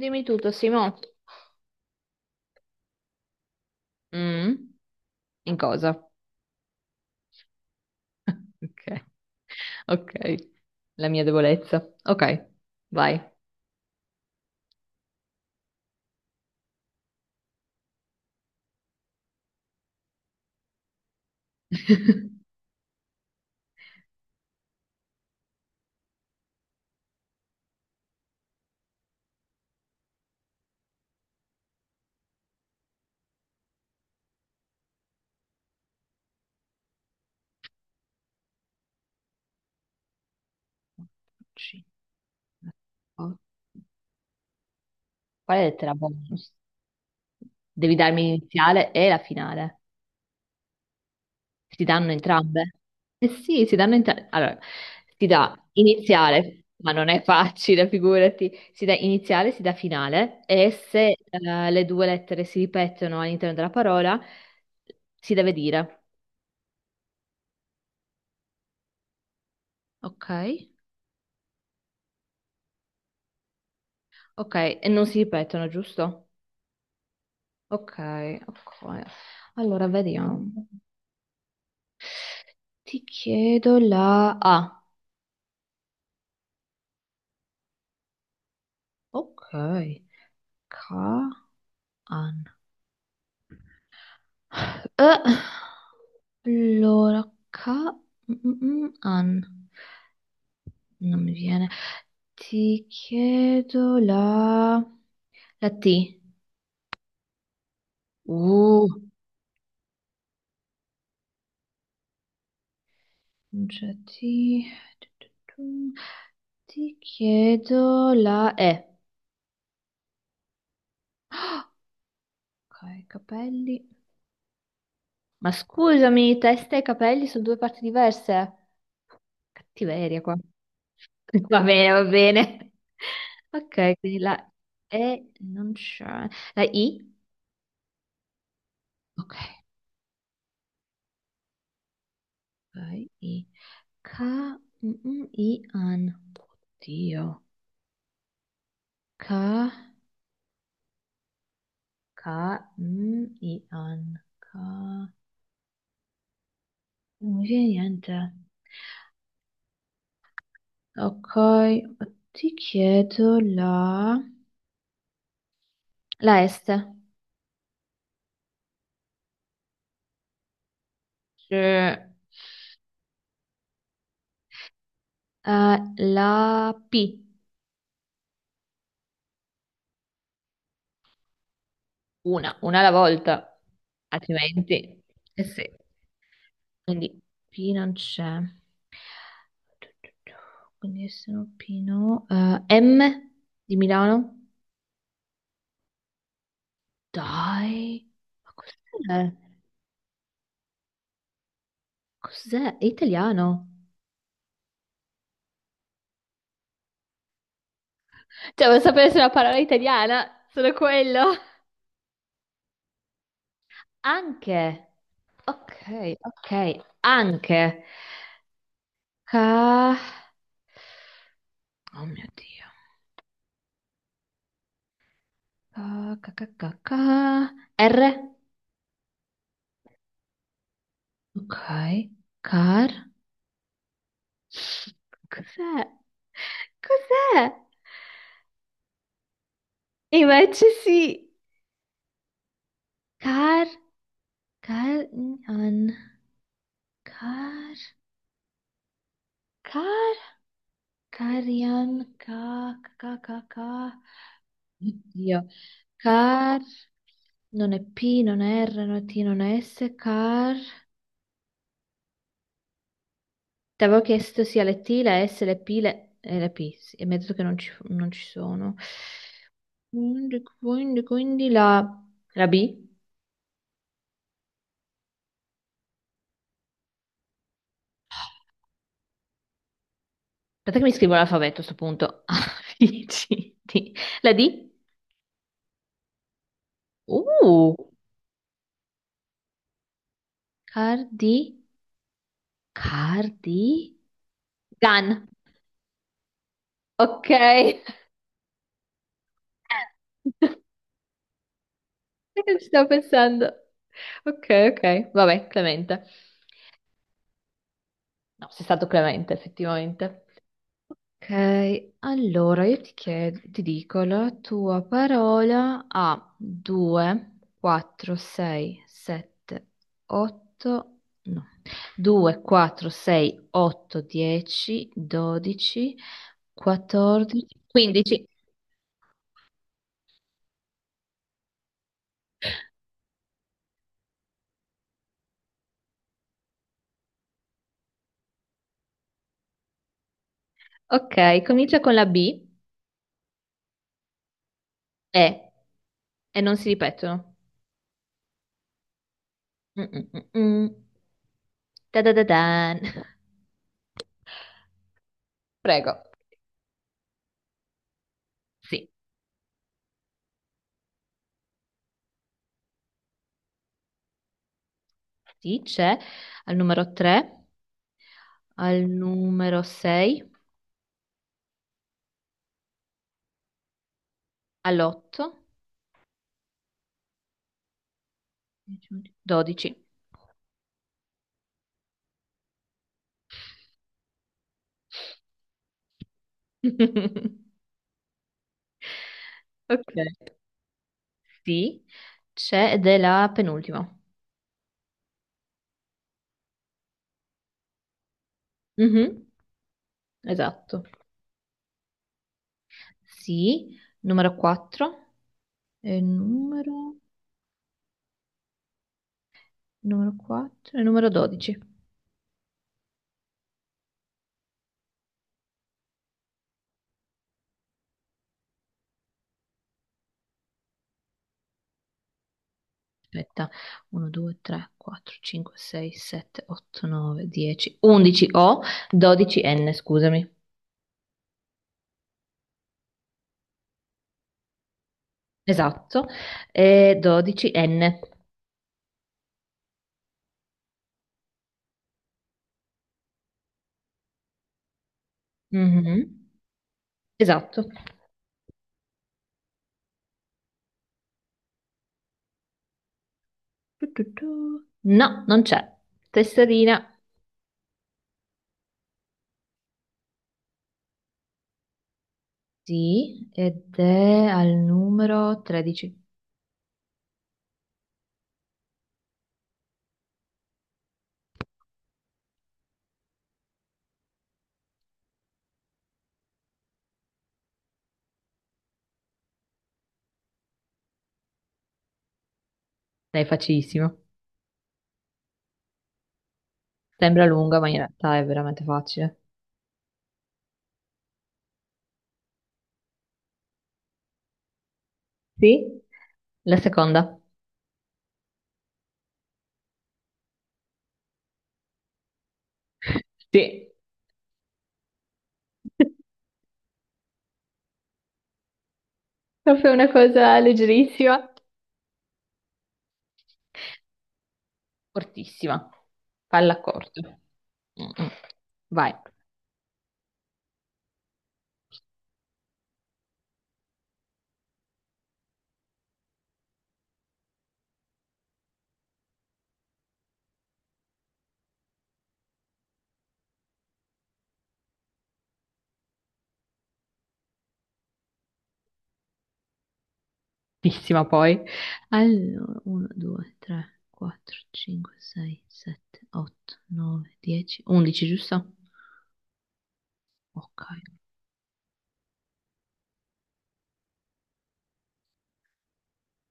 Dimmi tutto, Simo. Mm? In cosa? Ok, ok. La mia debolezza. Ok, vai. Cinque. Quale lettera bonus? Devi darmi l'iniziale e la finale. Si danno entrambe? Eh sì, si danno entrambi. Allora, si dà iniziale, ma non è facile, figurati. Si dà iniziale, si dà finale e se le due lettere si ripetono all'interno della parola, si deve dire. Ok? Ok, e non si ripetono, giusto? Ok, ok. Allora, vediamo. Ti chiedo la A. Ok. Ka an. Eh, allora, ka mm, mm, mm, an. Non mi viene. Ti chiedo la T. Uh, non c'è T. Tu, tu, tu. Ti chiedo la E. Ok, capelli. Ma scusami, testa e capelli sono due parti diverse. Cattiveria qua. Va bene, va bene. Ok, quindi la E non c'è. La I? Ok, ok, I. K, mm, mm, I, an. Oddio. K, K, mm, I, an. K. Non mi viene niente. Ok, ti chiedo la... La S. C'è, eh, la P. Una alla volta, altrimenti. Eh sì. Quindi P non c'è. Quindi sono Pino. M di Milano. Dai, ma cos'è? Cos'è? È italiano. Cioè, vuoi sapere se è una parola italiana? Solo quello. Anche. Ok, ok. Anche. Ca... Oh mio Dio. Ca, ca, ca, ca, ca. R. Ok. Car. Cos'è? Cos'è? Invece sì. Car, car, an, car, car, carian, ca, ca, ca, ca. Oddio. Car, non è P, non è R, non è T, non è S, car. Ti avevo chiesto sia le T, le S, le P, le, e le P, sì, e mi ha detto che non ci sono. Quindi la B. Aspetta che mi scrivo l'alfabeto a sto punto. A, B, C, D. La D? Uh, cardi, cardi, gan. Ok. Ci stavo pensando. Ok, ok. Vabbè, Clemente. No, sei stato Clemente, effettivamente. Ok, allora io ti chiedo, ti dico, la tua parola ha 2, 4, 6, 7, 8, no, 2, 4, 6, 8, 10, 12, 14, 15. Ok, comincia con la B e, e non si ripetono. Mm, mm, mm, mm. Da da da dan. Prego. Sì, sì, c'è al numero 3, al numero 6. All'8, 12. Ok. Sì, c'è ed è la penultima. Mhm, esatto. Sì, numero 4 e numero, numero 4 e numero 12. Aspetta, 1, 2, 3, 4, 5, 6, 7, 8, 9, 10, 11 O, 12N, scusami. Esatto, e 12N. Mhm, esatto. Tu, tu, tu. No, non c'è. Tesserina. Sì, ed è al numero 13. Dai, facilissimo. Sembra lunga, ma in realtà è veramente facile. Sì? La seconda, sì. Proprio una cosa leggerissima. Cortissima. Palla corta. Mm-mm. Vai, cortissima poi. Allora, 1, 2, 3, 4, 5, 6, 7, 8, 9, 10, 11, giusto? Ok.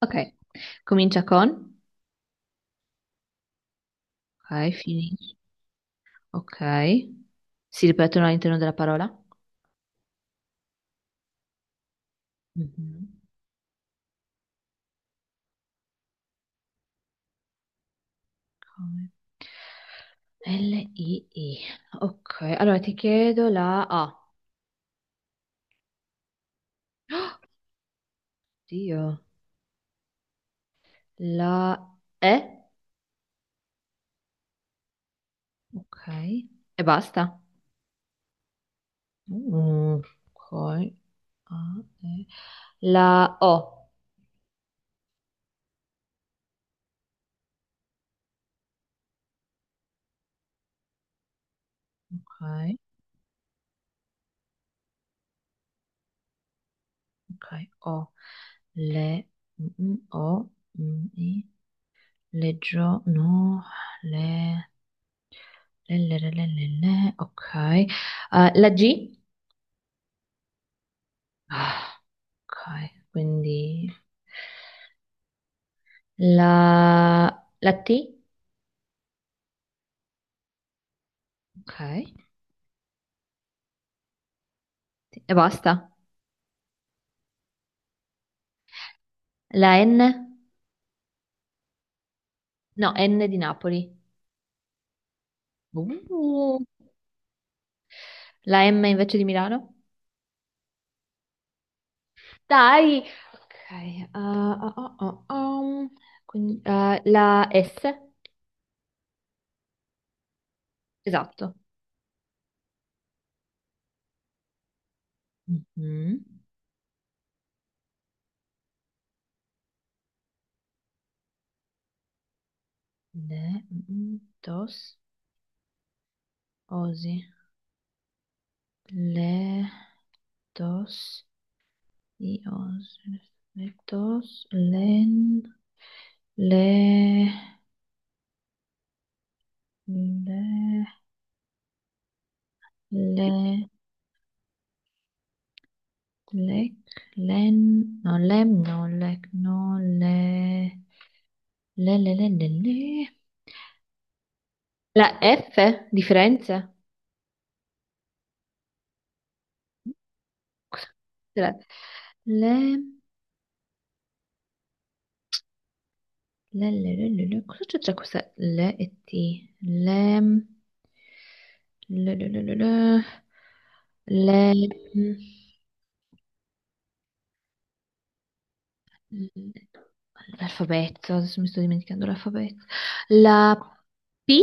Ok, comincia con... Ok, finisce. Ok. Si ripetono all'interno della parola? Mhm. L-I-I. Ok, allora ti chiedo la A. Dio. La E. Ok. E basta. Mm, ok. A, E. La O. Ok, ok. O. Le. Mm, mm, o. Mm, I. Leggio. No. Le. Le, le. Ok. La G. Ah. Ok, quindi la, la T, ok, e basta. La N? No, N di Napoli. Uh, la M invece di Milano? Dai! Ok, quindi, la S? Esatto. Mhm. Le, mm, dos, osi. Le, dos, i, os, le, dos, len. Le, le, le, lec, len, no, lem, no, lec, no, le, le. La F di Firenze? Cos'è? Le, le, le. Cosa c'è tra questa le e T? Le, le. Le- L'alfabeto, adesso mi sto dimenticando l'alfabeto. La P?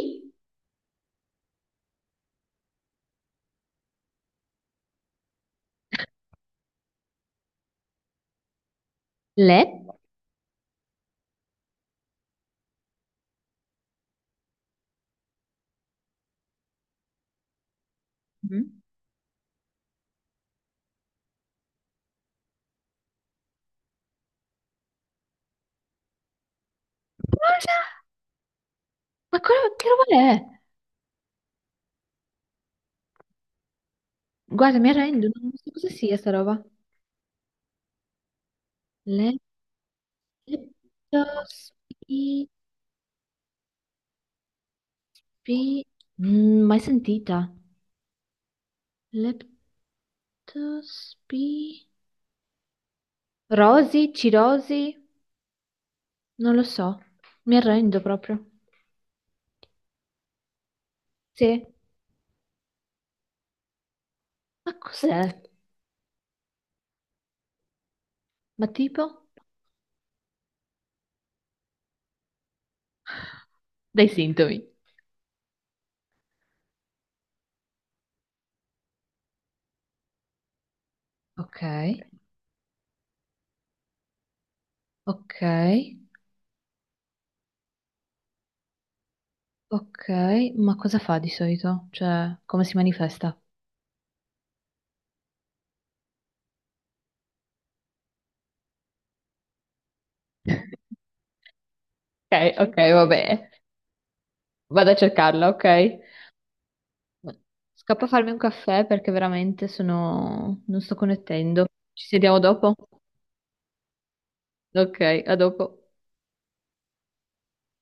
Le? Mhm. Ma cosa- che roba è? Guarda, mi arrendo, non so cosa sia sta roba. Leptospi... pi- Mm, mai sentita. Leptospi... Rosi, cirosi? Non lo so. Mi arrendo proprio. Sì. Ma cos'è? Ma tipo? Dai sintomi. Ok, ok, ok. Ma cosa fa di solito? Cioè, come si manifesta? Ok, ok, vabbè. Vado a cercarla, ok? Scappo a farmi un caffè perché veramente sono... non sto connettendo. Ci sentiamo dopo? Ok, a dopo.